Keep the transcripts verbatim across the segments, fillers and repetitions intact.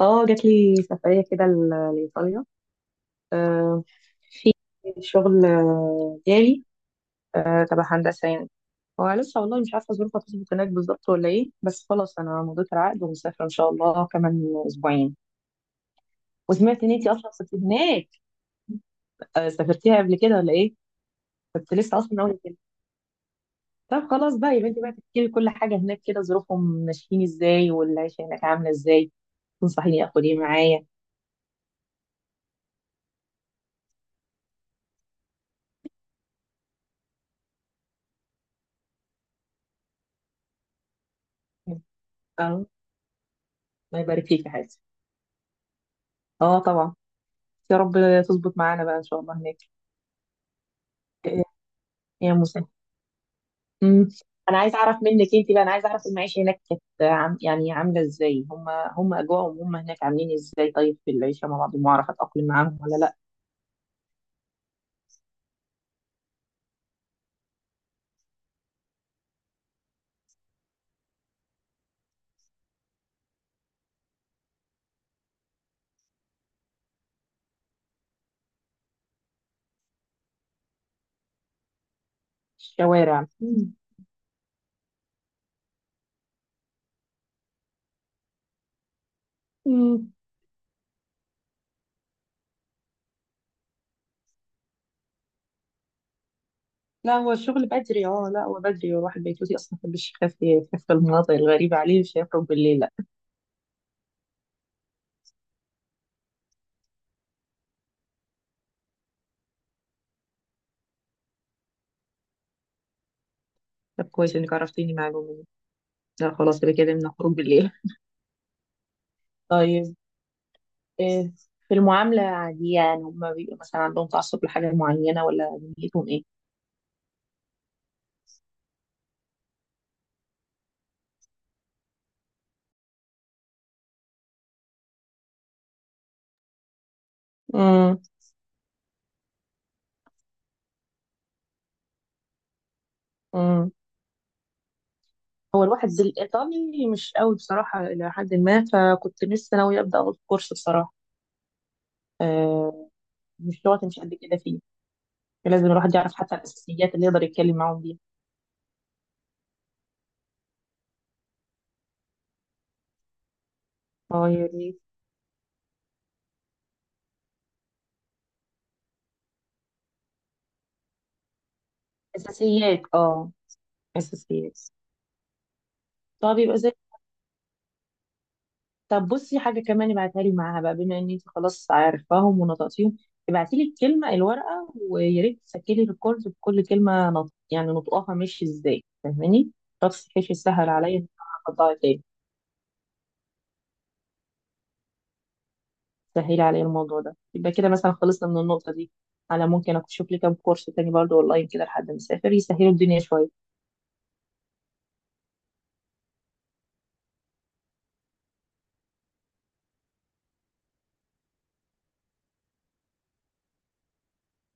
اه جات لي سفرية كده ل- لإيطاليا. آه، في شغل، آه، جالي آه، تبع هندسة يعني. هو لسه، والله مش عارفة ظروفها تظبط هناك بالظبط ولا ايه، بس خلاص أنا مضيت العقد ومسافرة إن شاء الله كمان أسبوعين. وسمعت إن أنتي أصلا سافرتي هناك. آه، سافرتيها قبل كده ولا ايه؟ كنت لسه أصلا أول كده. طب خلاص بقى، يبقى أنتي بقى تحكي لي كل حاجة هناك كده، ظروفهم ماشيين ازاي والعيشة هناك عاملة ازاي، تنصحيني آخد ايه معايا. اه، الله يبارك فيك يا حياتي. اه، طبعا. يا رب تظبط معانا بقى ان شاء الله هناك. يا موسى. امم انا عايز اعرف منك انت بقى، انا عايز اعرف المعيشه هناك كانت، عم يعني عامله ازاي هم هم اجواءهم هم هناك عاملين ازاي. طيب، في العيشه مع بعض، المعرفه اتاقلم معاهم ولا لا. الشوارع. مم. مم. لا هو الشغل بدري، اه لا هو بدري، هو الواحد بيتوتي اصلا ما بيحبش يخاف، يخاف في المناطق الغريبه عليه، مش هيخرج بالليل لا. طب كويس انك عرفتيني معلومه دي. لا خلاص يبقى كده من خروج بالليل. طيب. إيه؟ في المعاملة عادية؟ يعني هما بيبقوا مثلا عندهم تعصب لحاجة معينة، ولا دنيتهم ايه؟ امم. امم. هو الواحد دل- الإيطالي مش قوي بصراحة إلى حد ما، فكنت لسه ناوية أبدأ أخد كورس بصراحة. آه، مش لغتي مش قد كده فيه. فلازم الواحد يعرف حتى الأساسيات اللي يقدر يتكلم معاهم بيها. اه، يا ريت. أساسيات، اه. أساسيات. طب يبقى زي، طب بصي حاجة كمان ابعتها لي معاها بقى، بما ان انت خلاص عارفاهم ونطقتيهم، ابعتي لي الكلمة، الورقة، ويا ريت تسجلي ريكورد بكل كلمة، نط... يعني نطقها ماشي ازاي، فاهماني؟ بس بحيث يسهل عليا ان انا اطلعها تاني. سهلي عليا الموضوع ده، يبقى كده مثلا خلصنا من النقطة دي. على ممكن اشوف لي كام كورس تاني برضه اونلاين كده لحد ما اسافر، يسهلوا الدنيا شوية.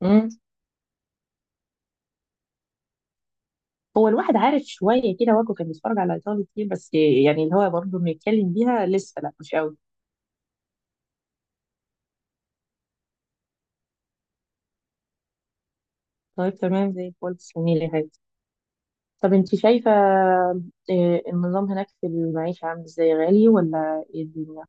امم هو الواحد عارف شوية كده، واجهه كان بيتفرج على ايطالي كتير، بس يعني اللي هو برضه بنتكلم بيها لسه لا مش قوي. طيب تمام زي الفل، تسلمي لي. طب انت شايفة، آه، النظام هناك في المعيشة عامل ازاي، غالي ولا ايه الدنيا؟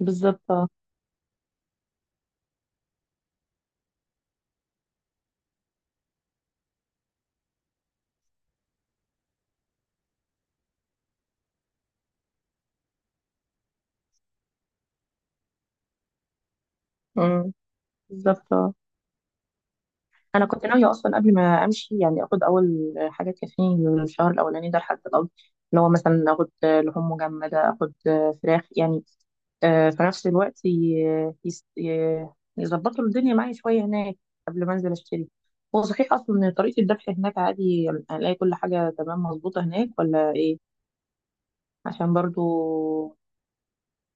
بالظبط، اه. مم. بالظبط، اه. انا كنت ناوية اصلا قبل ما امشي، يعني اخد اول حاجة تكفيني الشهر الاولاني ده لحد القبض، اللي هو مثلا اخد لحوم مجمدة، اخد فراخ يعني، آه، في نفس الوقت، ي- يس- ي- يظبطوا الدنيا معايا شوية هناك قبل ما انزل اشتري. هو صحيح اصلا ان طريقة الذبح هناك عادي، هنلاقي كل حاجة تمام مظبوطة هناك ولا ايه؟ عشان برضو،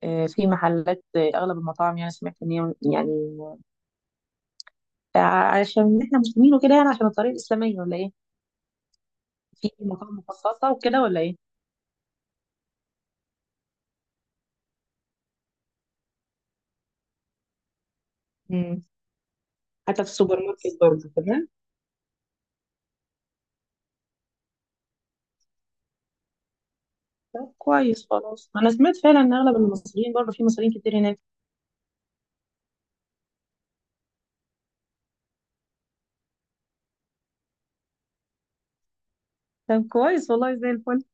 آه، في محلات، آه، اغلب المطاعم يعني، سمعت ان هي يعني، آه، عشان احنا مسلمين وكده، يعني عشان الطريقه الاسلاميه، ولا ايه، في مطاعم مخصصه وكده ولا ايه؟ مم. حتى في السوبر ماركت برضه تمام؟ طب كويس خلاص. انا سمعت فعلا ان اغلب المصريين، برضه في مصريين كتير هناك. طب كويس والله، زي الفل.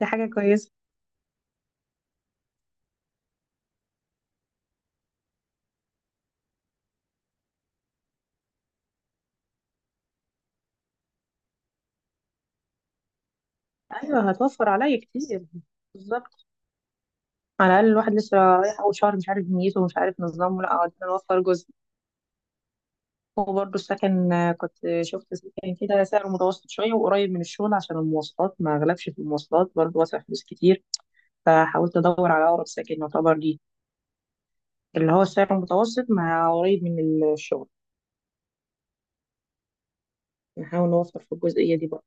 دي حاجه كويسه. ايوه، هتوفر عليا كتير. بالظبط. على الاقل الواحد لسه رايح اول شهر، مش عارف نيته ومش عارف نظامه، لا قعدنا نوفر جزء. وبرضه السكن، آه، كنت شفت سكن كده سعره متوسط شوية وقريب من الشغل، عشان المواصلات ما أغلبش في المواصلات، برضه واسع فلوس كتير، فحاولت أدور على أقرب سكن يعتبر لي اللي هو السعر المتوسط مع قريب من الشغل. نحاول نوفر في الجزئية دي برضه.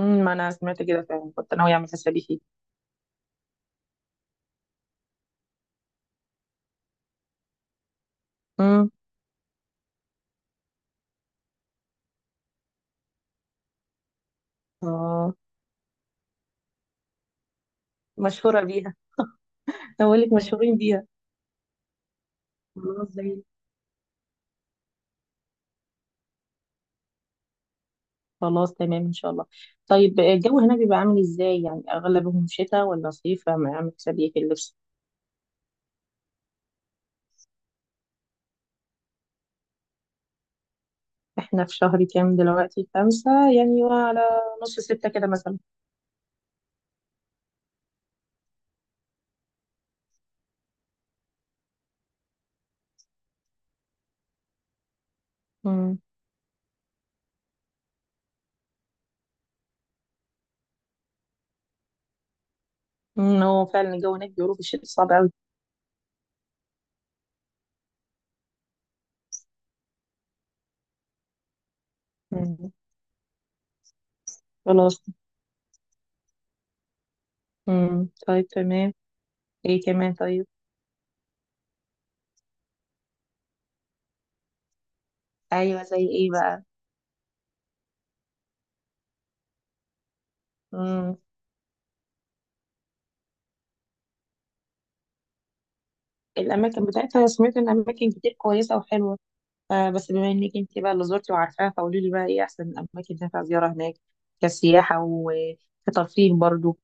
أمم. ما أنا سمعت كده فعلا، كنت ناوية أعمل حسابي فيه. أمم. آه، مشهورة بيها. أقول لك مشهورين بيها. خلاص زي، خلاص تمام إن شاء الله. طيب الجو هنا بيبقى عامل إزاي يعني، أغلبهم شتاء ولا صيف، ما أعمل حسابي في اللبس. احنا في شهر كام دلوقتي؟ خمسة يعني، وعلى نص ستة كده مثلا. امم. أمم، هو فعلا الجو هناك بيقولوا في الشتاء صعب أوي. أمم. خلاص. امم طيب تمام. ايه كمان؟ طيب. ايوه، زي ايه بقى؟ امم الاماكن بتاعتها، سمعت ان اماكن كتير كويسة وحلوة. آه، بس بما انك انت بقى اللي زرتي وعارفاها، فقولي لي بقى ايه احسن الاماكن تنفع زيارة هناك كسياحة وكترفيه برضو.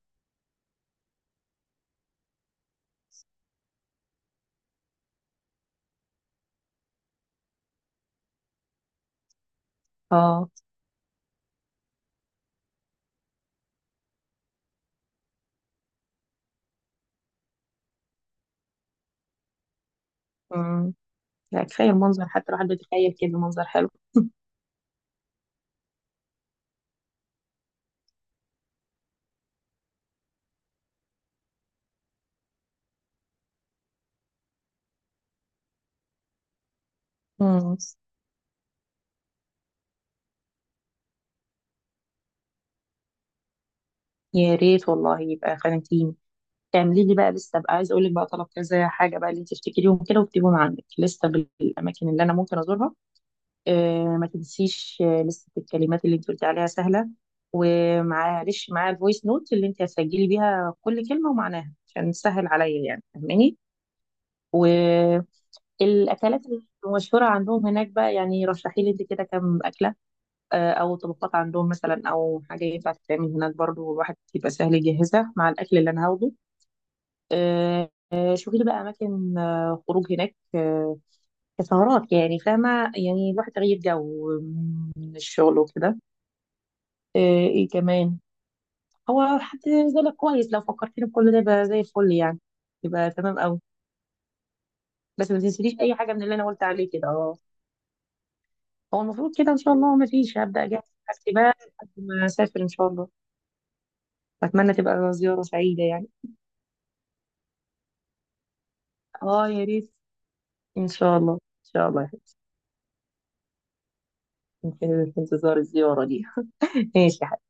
اه. امم يعني كفاية المنظر، حتى الواحد بيتخيل كده منظر حلو. امم يا ريت والله، يبقى خانتيني تعملي لي بقى، لسه بقى عايز اقول لك بقى طلب كذا حاجه بقى اللي انت تفتكريهم كده، واكتبيهم عندك لسه، بالاماكن اللي انا ممكن ازورها. آه، ما تنسيش. آه، لسه الكلمات اللي انت قلتي عليها سهله، ومعلش معايا الفويس نوت اللي انت هتسجلي بيها كل كلمه ومعناها، عشان تسهل عليا يعني، فاهماني؟ والاكلات المشهوره عندهم هناك بقى، يعني رشحي لي انت كده كام اكله، آه، او طبقات عندهم مثلا، او حاجه ينفع تتعمل هناك برضو الواحد يبقى سهل يجهزها مع الاكل اللي انا هاخده. آه، آه، شوفي لي بقى اماكن آه، خروج هناك، آه، كسهرات يعني، فاهمه يعني، الواحد تغيير جو من الشغل وكده. آه، ايه كمان؟ هو حد زي لك كويس، لو فكرتني بكل ده يبقى زي الفل يعني، يبقى تمام قوي. بس ما تنسيليش اي حاجه من اللي انا قلت عليه كده، اه. هو المفروض كده ان شاء الله ما فيش، هبدا اجهز حاجتي بقى لحد ما اسافر ان شاء الله. اتمنى تبقى زياره سعيده يعني. اه، يا ريت. ان شاء الله، ان شاء الله يا حبيبتي. في في انتظار الزياره دي. ماشي يا حبيبتي.